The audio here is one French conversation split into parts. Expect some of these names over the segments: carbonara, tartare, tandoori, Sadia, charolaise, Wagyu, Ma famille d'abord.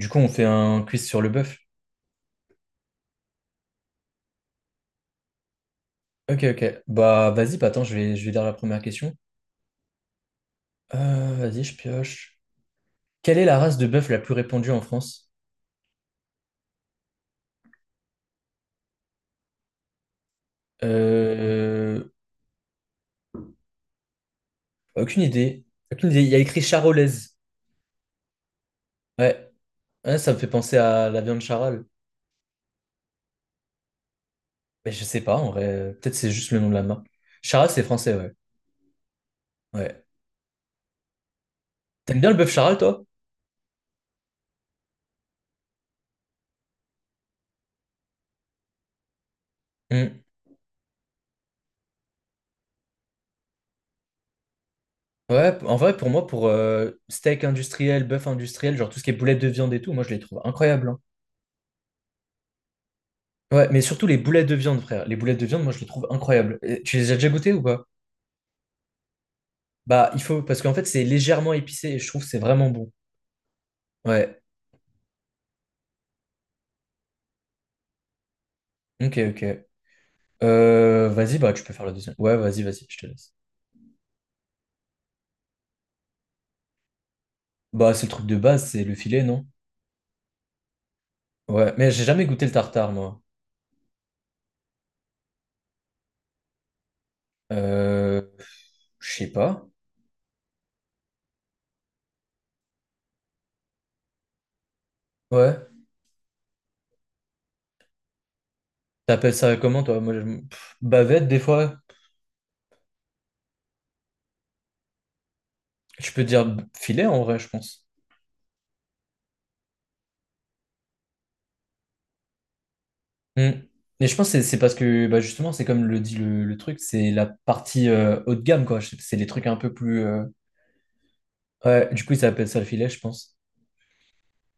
Du coup, on fait un quiz sur le bœuf. Ok, ok. Bah, vas-y, bah, attends, je vais lire la première question. Vas-y, je pioche. Quelle est la race de bœuf la plus répandue en France? Euh, Aucune idée. Aucune idée. Il y a écrit charolaise. Ouais. Ouais, ça me fait penser à la viande charale. Mais je sais pas, en vrai. Peut-être c'est juste le nom de la marque. Charale, c'est français, ouais. Ouais. T'aimes bien le bœuf charale, toi? Hmm. Ouais, en vrai, pour moi, pour steak industriel, bœuf industriel, genre tout ce qui est boulettes de viande et tout, moi, je les trouve incroyables, hein. Ouais, mais surtout les boulettes de viande, frère. Les boulettes de viande, moi, je les trouve incroyables. Et tu les as déjà goûtées ou pas? Bah, il faut, parce qu'en fait, c'est légèrement épicé et je trouve que c'est vraiment bon. Ouais, ok, ok. Vas-y, bah, tu peux faire le deuxième. Ouais, vas-y, vas-y, je te laisse. Bah, c'est le truc de base, c'est le filet, non? Ouais, mais j'ai jamais goûté le tartare, moi. Euh, je sais pas. Ouais. T'appelles ça comment, toi? Moi, je- pff, bavette, des fois. Tu peux dire filet, en vrai, je pense. Mm. Mais je pense que c'est parce que bah, justement, c'est comme le dit le truc, c'est la partie haut de gamme, quoi. C'est les trucs un peu plus, ouais, du coup, ils appellent ça le filet, je pense.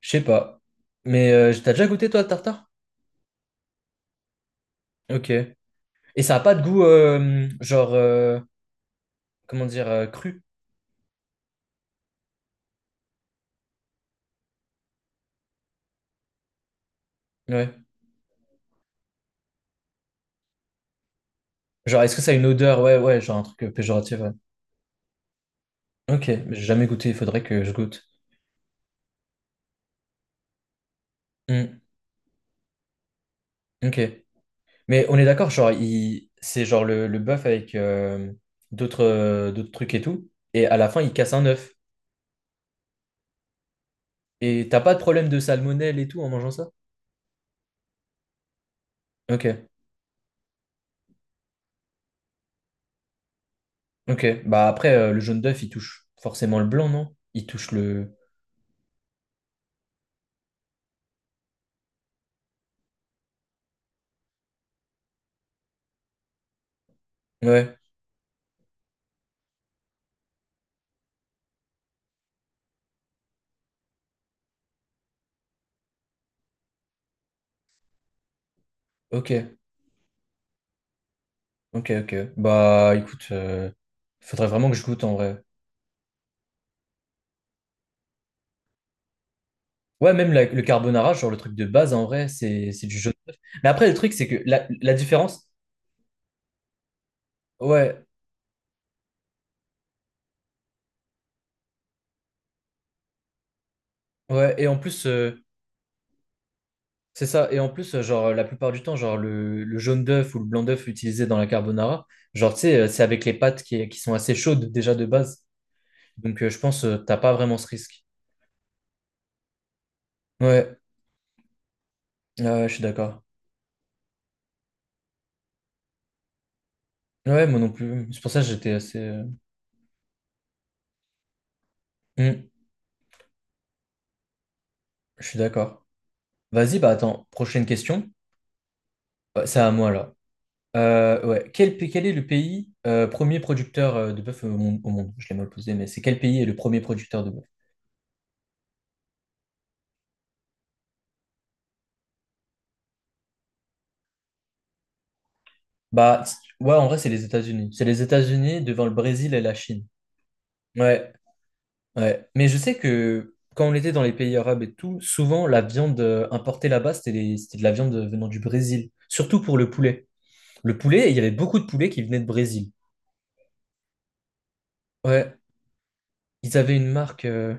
Je sais pas. Mais t'as déjà goûté, toi, le tartare? Ok. Et ça a pas de goût, genre, comment dire, cru? Ouais. Genre, est-ce que ça a une odeur? Ouais, ouais, genre un truc péjoratif, ouais. Ok, mais j'ai jamais goûté, il faudrait que je goûte. Mm. Ok. Mais on est d'accord, genre, il... c'est genre le bœuf avec d'autres d'autres trucs et tout. Et à la fin, il casse un œuf. Et t'as pas de problème de salmonelle et tout en mangeant ça? Ok, ok. Bah après, le jaune d'œuf, il touche forcément le blanc, non? Il touche le... Ouais, ok, ok, ok. Bah écoute, faudrait vraiment que je goûte en vrai. Ouais, même la- le carbonara, genre le truc de base, en vrai, c'est du jaune d'œuf. Mais après, le truc, c'est que la différence... Ouais, ouais. Et en plus... c'est ça. Et en plus, genre, la plupart du temps, genre, le jaune d'œuf ou le blanc d'œuf utilisé dans la carbonara, genre, tu sais, c'est avec les pâtes qui sont assez chaudes déjà de base. Donc, je pense, t'as pas vraiment ce risque. Ouais, ah ouais, je suis d'accord. Ouais, moi non plus. C'est pour ça que j'étais assez, hmm, je suis d'accord. Vas-y, bah attends, prochaine question. C'est à moi là. Ouais. Quel, pa- quel est le pays premier producteur de bœuf au monde, au monde, je l'ai mal posé, mais c'est quel pays est le premier producteur de bœuf? Bah, c- ouais, en vrai, c'est les États-Unis. C'est les États-Unis devant le Brésil et la Chine. Ouais, ouais. Mais je sais que quand on était dans les pays arabes et tout, souvent la viande importée là-bas, c'était des- c'était de la viande venant du Brésil. Surtout pour le poulet. Le poulet, il y avait beaucoup de poulets qui venaient de Brésil. Ouais, ils avaient une marque,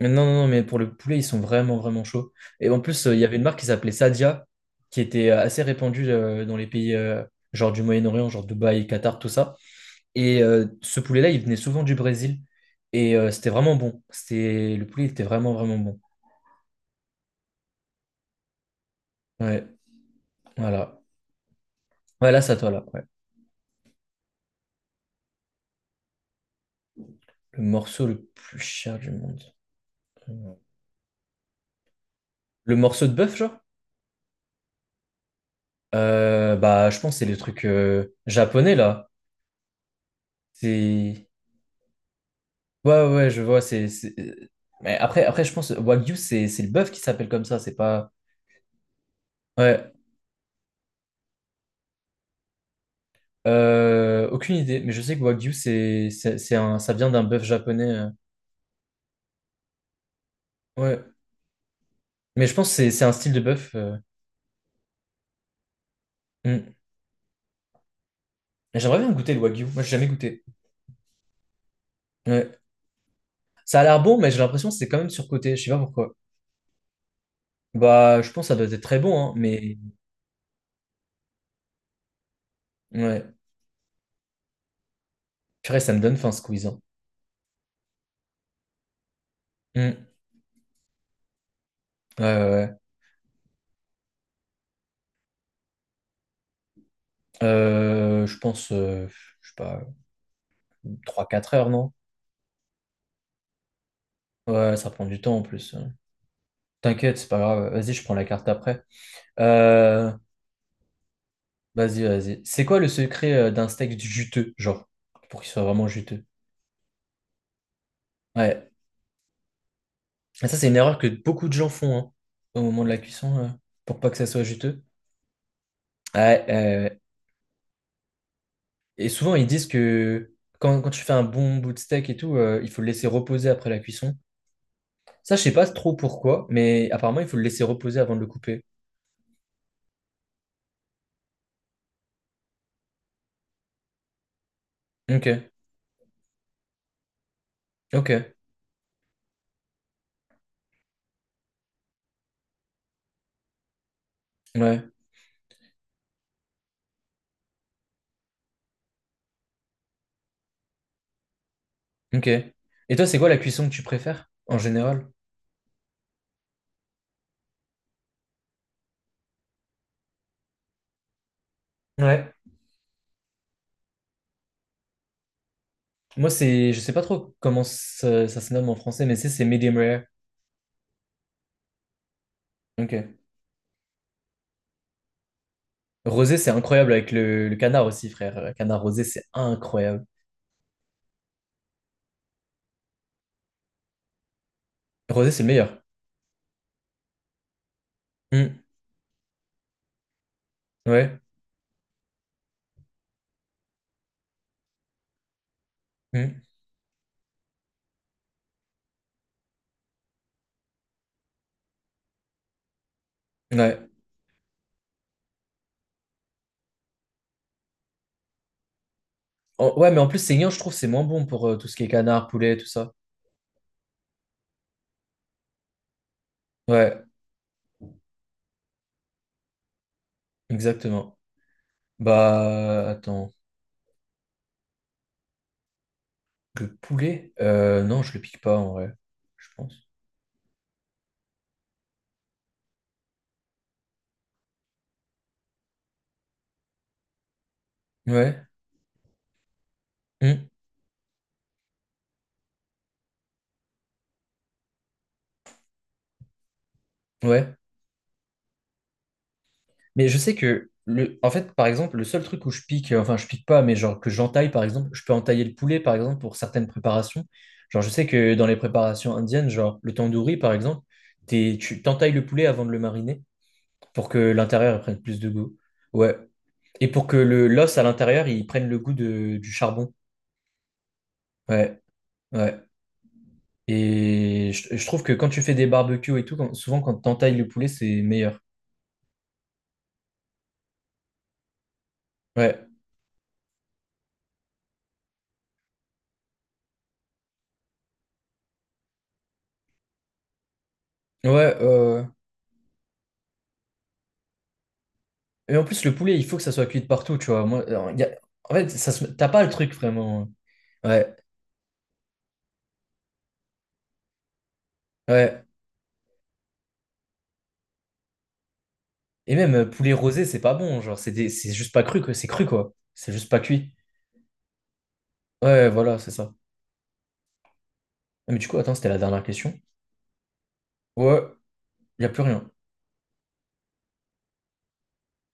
mais non, non, non, mais pour le poulet, ils sont vraiment, vraiment chauds. Et en plus, il y avait une marque qui s'appelait Sadia, qui était assez répandue dans les pays, genre du Moyen-Orient, genre Dubaï, Qatar, tout ça. Et ce poulet-là, il venait souvent du Brésil. Et c'était vraiment bon. C'était... Le poulet était vraiment, vraiment bon. Ouais. Voilà. Ouais, là, c'est à toi, là. Ouais. Le morceau le plus cher du monde. Le morceau de bœuf, genre? Bah, je pense que c'est les trucs japonais, là. C'est... ouais, ouais, je vois, c'est- mais après, après, je pense, Wagyu, c'est le bœuf qui s'appelle comme ça, c'est pas... Ouais, aucune idée, mais je sais que Wagyu, c'est un... ça vient d'un bœuf japonais, ouais, mais je pense que c'est un style de bœuf, hmm. J'aimerais bien goûter le Wagyu, moi, j'ai jamais goûté. Ouais. Ça a l'air bon, mais j'ai l'impression que c'est quand même surcoté, je sais pas pourquoi. Bah, je pense que ça doit être très bon, hein, mais ouais. Purée, ça me donne faim ce quiz, hein. Hmm. Ouais, ouais, ouais. Je pense, je sais pas, trois, quatre heures, non? Ouais, ça prend du temps en plus, hein. T'inquiète, c'est pas grave. Vas-y, je prends la carte après. Euh, vas-y, vas-y. C'est quoi le secret d'un steak juteux, genre, pour qu'il soit vraiment juteux? Ouais. Et ça, c'est une erreur que beaucoup de gens font hein, au moment de la cuisson, pour pas que ça soit juteux. Ouais, ouais, ouais. Et souvent, ils disent que quand, quand tu fais un bon bout de steak et tout, il faut le laisser reposer après la cuisson. Ça, je sais pas trop pourquoi, mais apparemment, il faut le laisser reposer avant de le couper. Ok, ok, ouais, ok. Et toi, c'est quoi la cuisson que tu préfères en général? Ouais. Moi, c'est, je sais pas trop comment ça, ça se nomme en français, mais c'est medium rare. Ok. Rosé, c'est incroyable avec le canard aussi, frère. Le canard rosé, c'est incroyable. Rosé, c'est le meilleur. Hmm, ouais. Hmm, ouais. En- ouais, mais en plus, saignant, je trouve, c'est moins bon pour tout ce qui est canard, poulet, tout ça. Ouais, exactement. Bah, attends. Le poulet? Non, je le pique pas, en vrai. Je pense. Ouais. Hmm, ouais. Mais je sais que, le... en fait, par exemple, le seul truc où je pique, enfin, je pique pas, mais genre que j'entaille, par exemple, je peux entailler le poulet, par exemple, pour certaines préparations. Genre, je sais que dans les préparations indiennes, genre le tandoori, par exemple, t'es- tu t'entailles le poulet avant de le mariner pour que l'intérieur prenne plus de goût. Ouais. Et pour que le l'os à l'intérieur, il prenne le goût de, du charbon. Ouais, ouais. Et je trouve que quand tu fais des barbecues et tout, quand- souvent quand t'entailles le poulet, c'est meilleur. Ouais, ouais, et en plus, le poulet, il faut que ça soit cuit de partout, tu vois. Moi, y a- en fait, ça se- t'as pas le truc vraiment. Ouais, ouais. Et même poulet rosé, c'est pas bon. Genre, c'est des- c'est juste pas cru, quoi. C'est cru, quoi. C'est juste pas cuit. Ouais, voilà, c'est ça. Ah, mais du coup, attends, c'était la dernière question. Ouais, y a plus rien.